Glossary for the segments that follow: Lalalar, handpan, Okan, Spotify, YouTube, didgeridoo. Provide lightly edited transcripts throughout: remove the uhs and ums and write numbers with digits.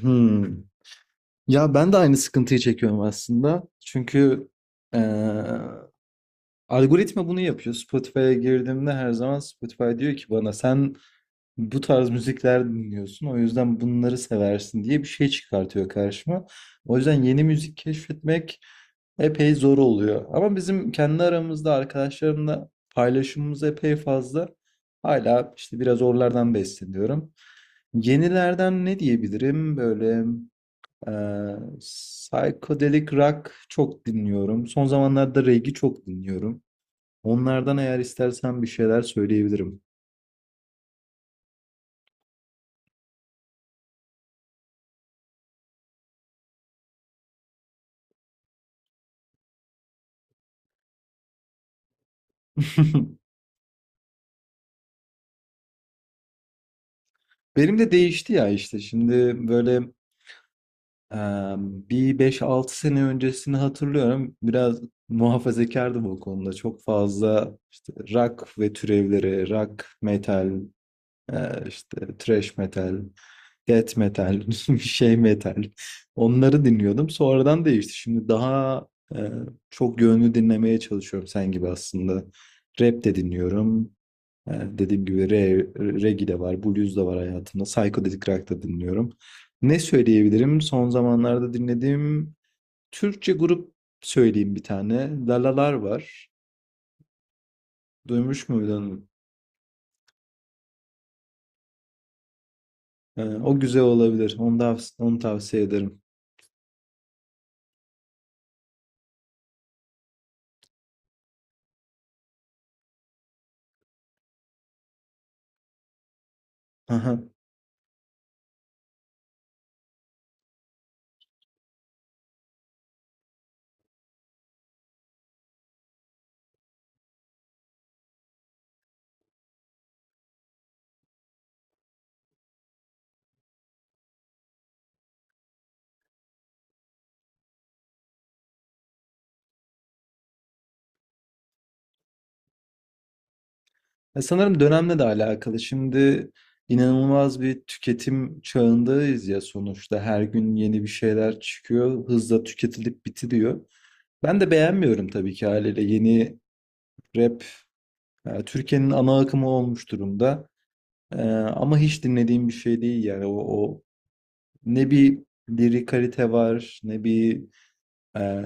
Hmm. Ya ben de aynı sıkıntıyı çekiyorum aslında. Çünkü eee, algoritma bunu yapıyor. Spotify'a girdiğimde her zaman Spotify diyor ki bana sen bu tarz müzikler dinliyorsun. O yüzden bunları seversin diye bir şey çıkartıyor karşıma. O yüzden yeni müzik keşfetmek epey zor oluyor. Ama bizim kendi aramızda arkadaşlarımla paylaşımımız epey fazla. Hala işte biraz oralardan besleniyorum. Yenilerden ne diyebilirim böyle? Psychedelic rock çok dinliyorum. Son zamanlarda reggae çok dinliyorum. Onlardan eğer istersen bir şeyler söyleyebilirim. Benim de değişti ya işte şimdi böyle e, bir beş altı sene öncesini hatırlıyorum. Biraz muhafazakardım o konuda. Çok fazla işte rock ve türevleri, rock metal, işte thrash metal. Death metal, bir şey metal. Onları dinliyordum. Sonradan değişti. Şimdi daha e, çok yönlü dinlemeye çalışıyorum sen gibi aslında. Rap de dinliyorum. Dediğim gibi, reggae de var, blues da var hayatımda. Psychedelic rock da dinliyorum. Ne söyleyebilirim? Son zamanlarda dinlediğim Türkçe grup söyleyeyim bir tane. Lalalar var. Duymuş muydun? O güzel olabilir. Onu tavsiye ederim. Ya sanırım dönemle de alakalı. Şimdi inanılmaz bir tüketim çağındayız ya sonuçta. Her gün yeni bir şeyler çıkıyor, hızla tüketilip bitiriyor. Ben de beğenmiyorum tabii ki haliyle yeni rap Türkiye'nin ana akımı olmuş durumda. Ama hiç dinlediğim bir şey değil yani o ne bir lirik var, ne bir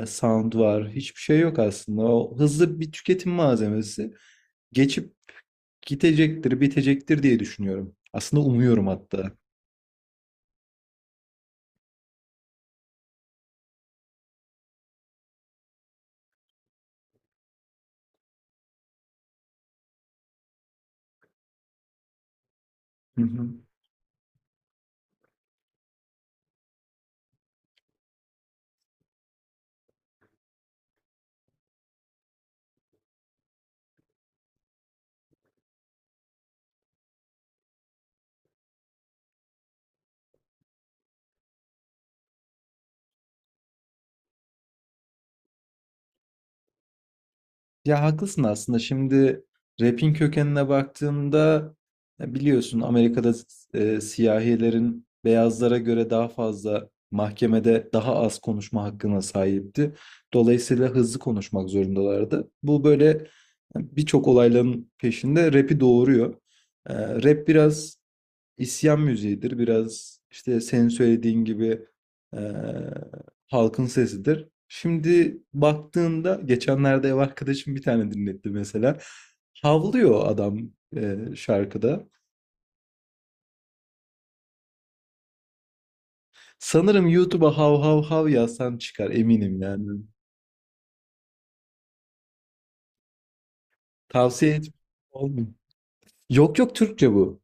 sound var, hiçbir şey yok aslında. O hızlı bir tüketim malzemesi. Geçip gidecektir, bitecektir diye düşünüyorum. Aslında umuyorum hatta. Hı hı. Ya haklısın aslında. Şimdi rap'in kökenine baktığımda ya biliyorsun Amerika'da siyahilerin beyazlara göre daha fazla mahkemede daha az konuşma hakkına sahipti. Dolayısıyla hızlı konuşmak zorundalardı. Bu böyle birçok olayların peşinde rap'i doğuruyor. E, Rap biraz isyan müziğidir. Biraz işte senin söylediğin gibi eee, halkın sesidir. Şimdi baktığında geçenlerde ev arkadaşım bir tane dinletti mesela. Havlıyor adam şarkıda. Sanırım YouTube'a hav hav hav yazsan çıkar eminim yani. Tavsiye etmiyorum. Yok yok, Türkçe bu.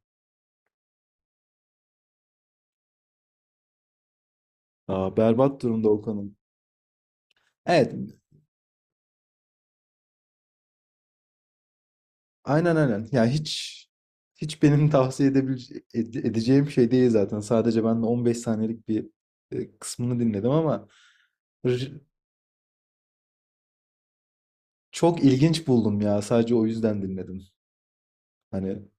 Aa, berbat durumda Okan'ın. Evet, aynen aynen. Ya hiç benim edeceğim şey değil zaten. Sadece ben de 15 saniyelik bir kısmını dinledim ama r- çok ilginç buldum ya. Sadece o yüzden dinledim. Hani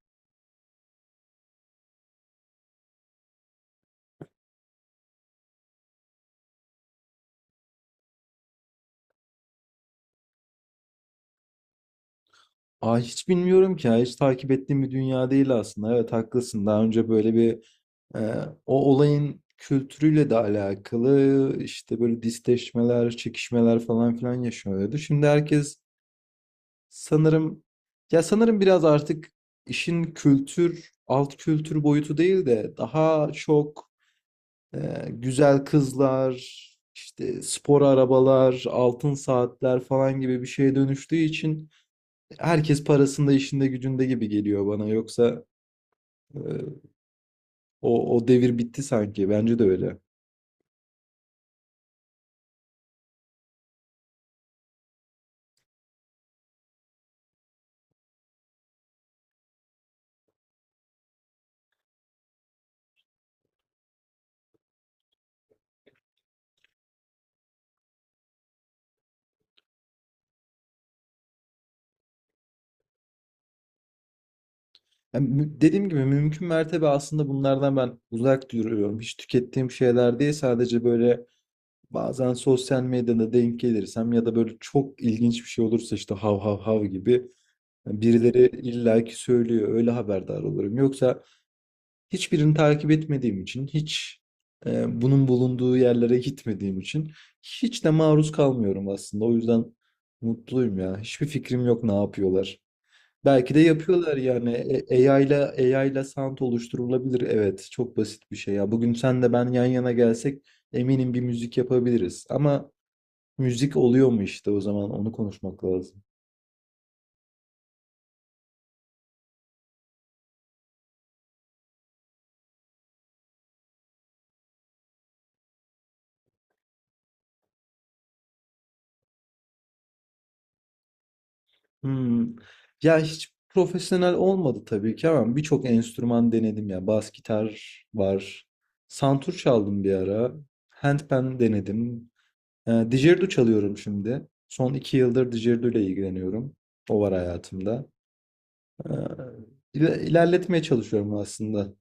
Aa, hiç bilmiyorum ki ya. Hiç takip ettiğim bir dünya değil aslında. Evet, haklısın. Daha önce böyle bir e, o olayın kültürüyle de alakalı işte böyle disleşmeler, çekişmeler falan filan yaşanıyordu. Şimdi herkes Sanırım ya sanırım biraz artık işin kültür, alt kültür boyutu değil de daha çok e, güzel kızlar, işte spor arabalar, altın saatler falan gibi bir şeye dönüştüğü için herkes parasında, işinde, gücünde gibi geliyor bana. Yoksa e, o devir bitti sanki. Bence de öyle. Yani dediğim gibi mümkün mertebe aslında bunlardan ben uzak duruyorum. Hiç tükettiğim şeyler değil, sadece böyle bazen sosyal medyada denk gelirsem ya da böyle çok ilginç bir şey olursa işte hav hav hav gibi yani birileri illaki söylüyor. Öyle haberdar olurum. Yoksa hiçbirini takip etmediğim için, hiç bunun bulunduğu yerlere gitmediğim için hiç de maruz kalmıyorum aslında. O yüzden mutluyum ya. Hiçbir fikrim yok ne yapıyorlar. Belki de yapıyorlar yani. AI ile sound oluşturulabilir. Evet, çok basit bir şey ya. Bugün sen de ben yan yana gelsek eminim bir müzik yapabiliriz. Ama müzik oluyor mu işte, o zaman onu konuşmak lazım. Hmm. Ya hiç profesyonel olmadı tabii ki ama birçok enstrüman denedim ya. Bas gitar var. Santur çaldım bir ara. Handpan denedim. Didgeridoo çalıyorum şimdi. Son 2 yıldır didgeridoo ile ilgileniyorum. O var hayatımda. E, ilerletmeye çalışıyorum aslında.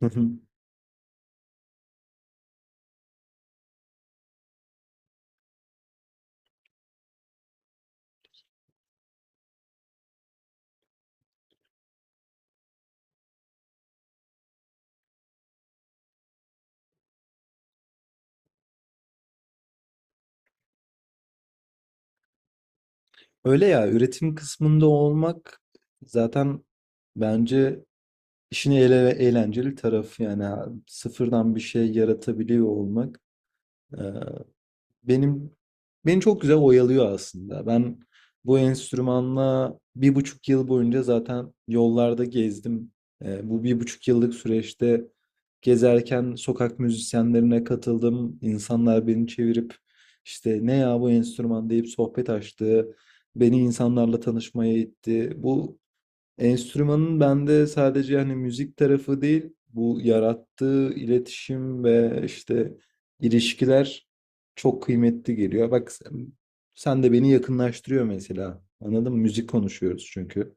Öyle ya, üretim kısmında olmak zaten bence İşin eğlenceli tarafı yani, sıfırdan bir şey yaratabiliyor olmak e, benim beni çok güzel oyalıyor aslında. Ben bu enstrümanla 1,5 yıl boyunca zaten yollarda gezdim. Bu 1,5 yıllık süreçte gezerken sokak müzisyenlerine katıldım. İnsanlar beni çevirip işte ne ya bu enstrüman deyip sohbet açtı. Beni insanlarla tanışmaya itti. Enstrümanın bende sadece hani müzik tarafı değil, bu yarattığı iletişim ve işte ilişkiler çok kıymetli geliyor. Bak sen, sen de beni yakınlaştırıyor mesela. Anladın mı? Müzik konuşuyoruz çünkü.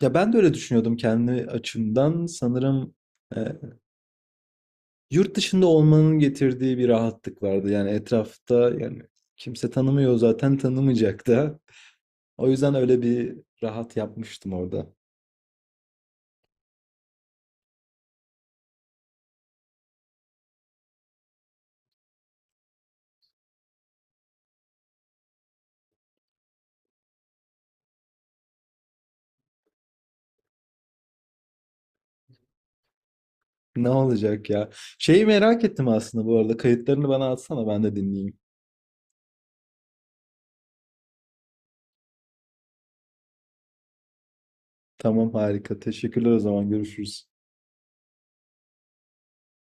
Ya ben de öyle düşünüyordum kendi açımdan. Sanırım e, yurt dışında olmanın getirdiği bir rahatlık vardı. Yani etrafta yani kimse tanımıyor, zaten tanımayacak da. O yüzden öyle bir rahat yapmıştım orada. Ne olacak ya? Şeyi merak ettim aslında bu arada. Kayıtlarını bana atsana ben de dinleyeyim. Tamam, harika. Teşekkürler, o zaman görüşürüz.